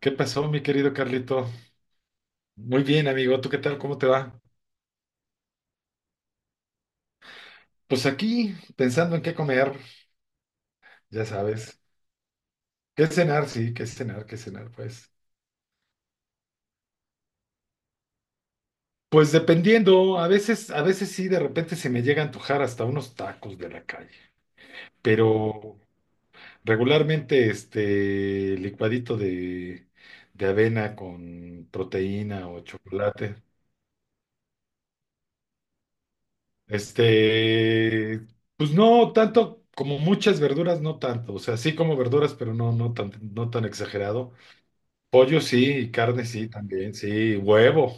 ¿Qué pasó, mi querido Carlito? Muy bien, amigo. ¿Tú qué tal? ¿Cómo te va? Pues aquí, pensando en qué comer, ya sabes. ¿Qué cenar? Sí, qué cenar, pues. Pues dependiendo, a veces sí, de repente se me llega a antojar hasta unos tacos de la calle. Pero regularmente, este licuadito de avena con proteína o chocolate. Este, pues no tanto como muchas verduras, no tanto. O sea, sí como verduras, pero no, no tan exagerado. Pollo sí, y carne sí, también, sí, huevo.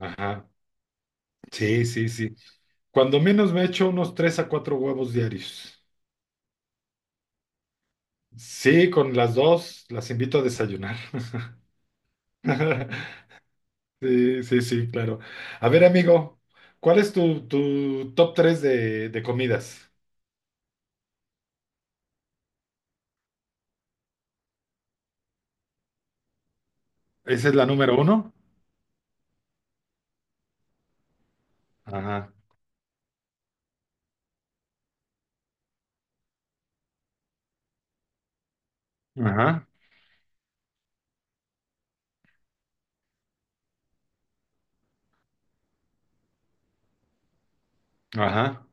Ajá. Sí, sí, sí. Cuando menos me echo unos tres a cuatro huevos diarios. Sí, con las dos las invito a desayunar. Sí, sí, sí, claro. A ver, amigo, ¿cuál es tu top tres de comidas? ¿Esa es la número uno? Ajá, ajá, ajá.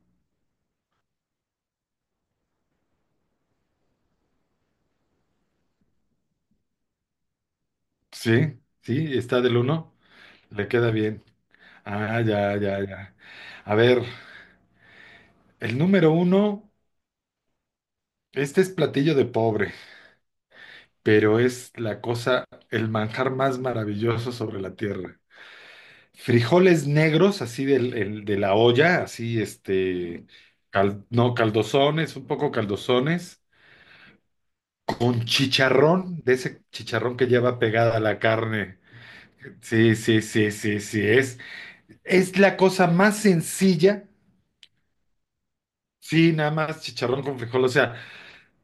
Sí, sí, está del uno. Le queda bien. Ah, ya, ya, ya. A ver, el número uno, este es platillo de pobre, pero es la cosa, el manjar más maravilloso sobre la tierra. Frijoles negros, así de la olla, así no, caldosones, un poco caldosones, con chicharrón, de ese chicharrón que lleva pegada la carne. Sí, sí, sí, sí, sí, es la cosa más sencilla. Sí, nada más chicharrón con frijol. o sea,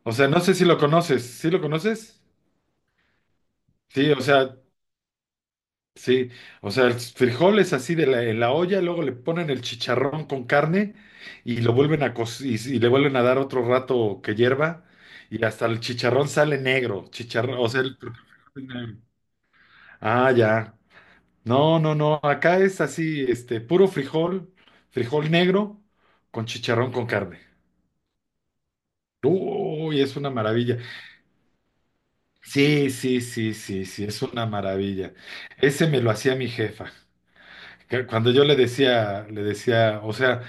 o sea, no sé si lo conoces. ¿Sí lo conoces? Sí, o sea, sí, o sea, el frijol es así de la, en la olla, luego le ponen el chicharrón con carne y le vuelven a dar otro rato que hierva, y hasta el chicharrón sale negro, chicharrón. O sea, el frijol es negro. Ah, ya. No, no, no, acá es así, puro frijol, frijol negro con chicharrón con carne. Uy, es una maravilla. Sí, sí, sí, sí, sí, es una maravilla. Ese me lo hacía mi jefa. Que cuando yo le decía, o sea,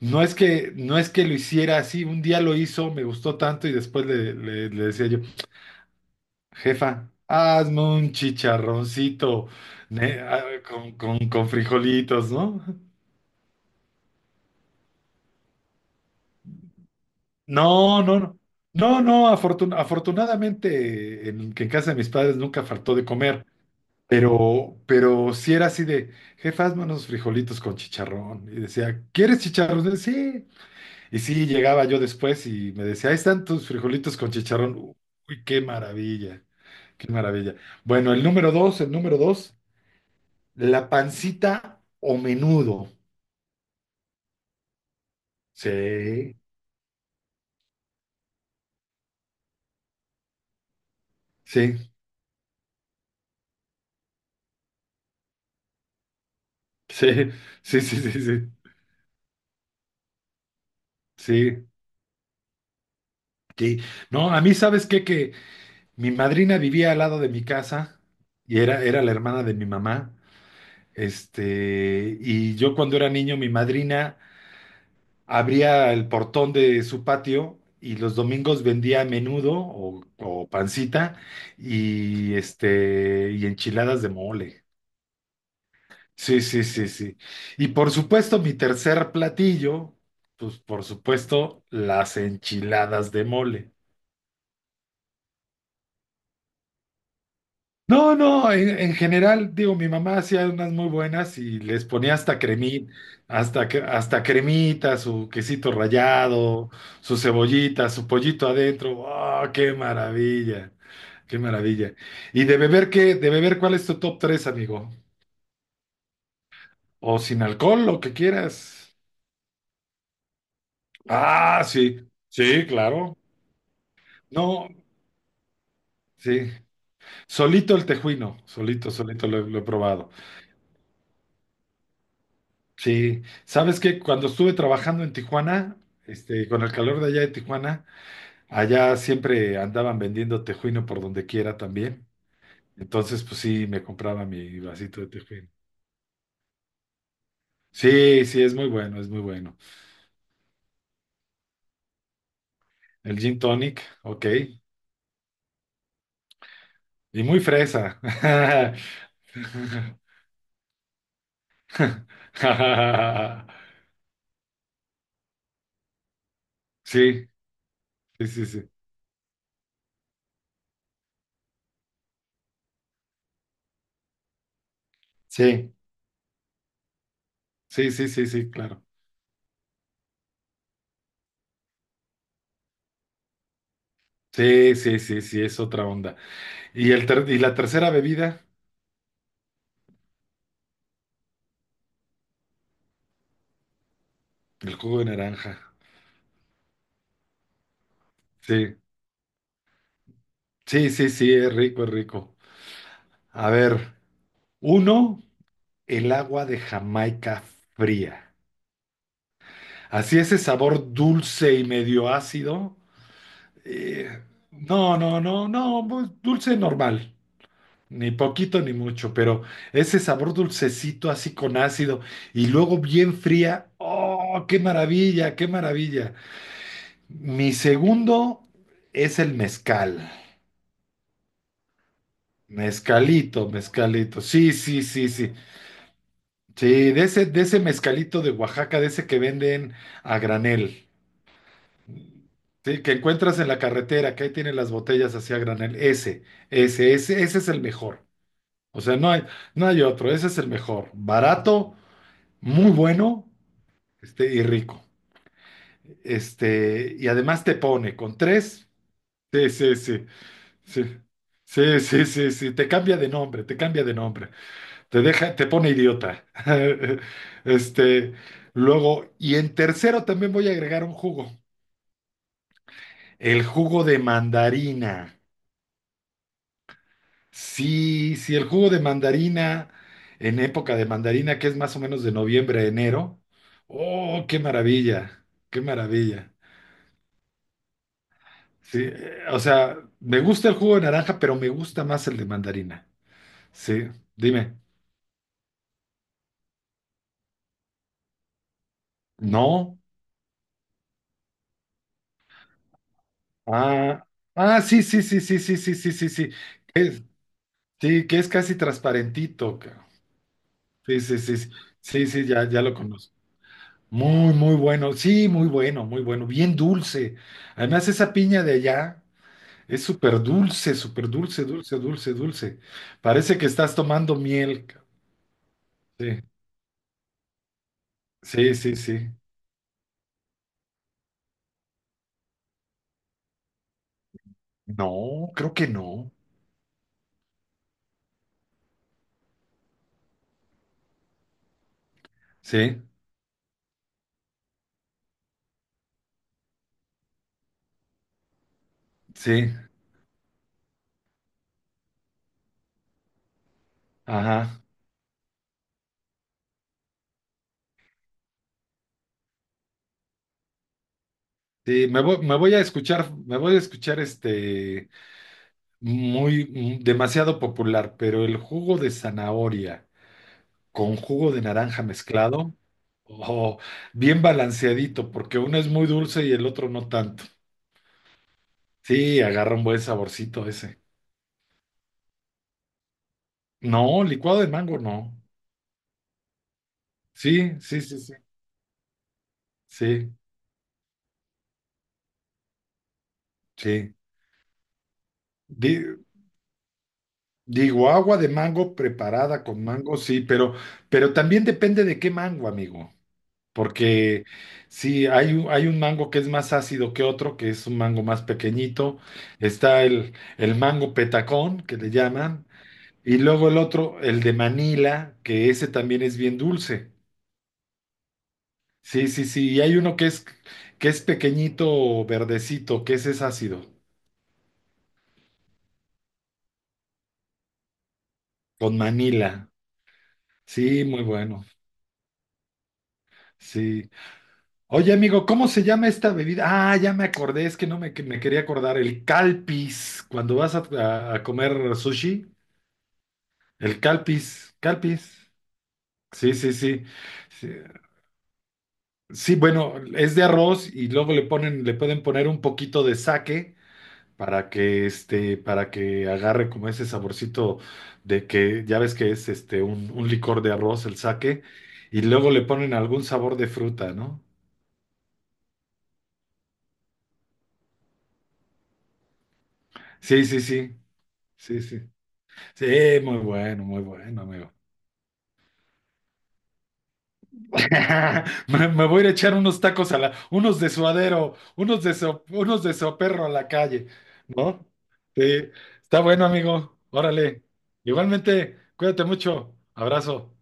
no es que lo hiciera así. Un día lo hizo, me gustó tanto y después le decía yo, jefa, hazme un chicharroncito ne- ah, con frijolitos, ¿no? No, no, no. No, no, afortunadamente que en casa de mis padres nunca faltó de comer. pero sí era así de, jefa, hazme unos frijolitos con chicharrón. Y decía, ¿quieres chicharrón? Sí. Y sí, llegaba yo después y me decía, ahí están tus frijolitos con chicharrón. Uy, qué maravilla, qué maravilla. Bueno, el número dos, la pancita o menudo. Sí, sí, sí, sí, sí, sí, sí, sí, sí. No, a mí, ¿sabes qué? Que mi madrina vivía al lado de mi casa y era la hermana de mi mamá. Y yo cuando era niño, mi madrina abría el portón de su patio y los domingos vendía menudo o pancita y enchiladas de mole. Sí, sí, sí, sí. Y por supuesto, mi tercer platillo, pues por supuesto, las enchiladas de mole. No, no, en general, digo, mi mamá hacía unas muy buenas y les ponía hasta cremita, hasta cremita, su quesito rallado, su cebollita, su pollito adentro. ¡Oh, qué maravilla! ¡Qué maravilla! ¿Y de beber qué? ¿De beber cuál es tu top 3, amigo? O sin alcohol, lo que quieras. Ah, sí, sí, claro. No, sí. Solito el tejuino, solito, solito lo he probado. Sí, sabes que cuando estuve trabajando en Tijuana, con el calor de allá de Tijuana, allá siempre andaban vendiendo tejuino por donde quiera también. Entonces, pues sí, me compraba mi vasito de tejuino. Sí, sí, es muy bueno, es muy bueno. El gin tonic, ok. Y muy fresa. Sí, sí, sí, sí. Sí, sí, sí, sí, sí, claro. Sí, sí, sí, sí, es otra onda. Y la tercera bebida, el jugo de naranja. Sí, sí, sí, sí, es rico, es rico. A ver, uno, el agua de Jamaica fría. Así ese sabor dulce y medio ácido. eh, no, no, no, no, pues, dulce normal. Ni poquito ni mucho, pero ese sabor dulcecito así con ácido y luego bien fría. ¡Oh, qué maravilla, qué maravilla! Mi segundo es el mezcal. Mezcalito, mezcalito. Sí, sí, sí, sí. Sí, de ese mezcalito de Oaxaca, de ese que venden a granel, sí, que encuentras en la carretera, que ahí tienen las botellas así a granel, ese es el mejor. O sea, no hay otro, ese es el mejor. Barato, muy bueno, y rico. Y además te pone con tres. Sí, sí, sí, sí. Sí, sí, sí, sí, te cambia de nombre, te cambia de nombre. Te deja, te pone idiota. Este, Luego, y en tercero también voy a agregar un jugo. El jugo de mandarina. Sí, sí, el jugo de mandarina en época de mandarina, que es más o menos de noviembre a enero. Oh, qué maravilla, qué maravilla. Sí, o sea, me gusta el jugo de naranja, pero me gusta más el de mandarina. Sí, dime. No. Ah, ah, sí, sí, sí, sí, sí, sí, sí, sí, sí. Es- Sí, que es casi transparentito, cabrón. Sí, sí, sí, sí, sí, sí, ya, ya lo conozco. Muy, muy bueno, sí, muy bueno, muy bueno, bien dulce. Además, esa piña de allá es súper dulce, dulce, dulce, dulce. Parece que estás tomando miel, cabrón. Sí, sí, sí, sí. No, creo que no. Sí, sí, ajá. Sí, me voy a escuchar, me voy a escuchar muy demasiado popular, pero el jugo de zanahoria. Con jugo de naranja mezclado o bien balanceadito, porque uno es muy dulce y el otro no tanto. Sí, agarra un buen saborcito ese. No, licuado de mango no. Sí, sí, sí, sí. Sí, sí. Di- digo, agua de mango preparada con mango, sí, pero, también depende de qué mango, amigo. Porque sí, hay un mango que es más ácido que otro, que es un mango más pequeñito. Está el, mango petacón, que le llaman. Y luego el otro, el de Manila, que ese también es bien dulce. Sí, sí, sí. Y hay uno que es pequeñito, verdecito, que ese es ácido, con Manila. Sí, muy bueno. Sí. Oye, amigo, ¿cómo se llama esta bebida? Ah, ya me acordé, es que no me, que me quería acordar. El calpis, cuando vas a comer sushi, el calpis, calpis. Sí, sí, sí. Sí, sí, bueno, es de arroz y luego le pueden poner un poquito de sake para que para que agarre como ese saborcito de que ya ves que es un licor de arroz, el sake, y luego le ponen algún sabor de fruta, ¿no? Sí, sí, sí. Sí, sí. Sí, muy bueno, muy bueno, amigo. Me voy a ir a echar unos tacos unos de suadero, unos de soperro a la calle, ¿no? Sí, está bueno, amigo. Órale. Igualmente, cuídate mucho. Abrazo.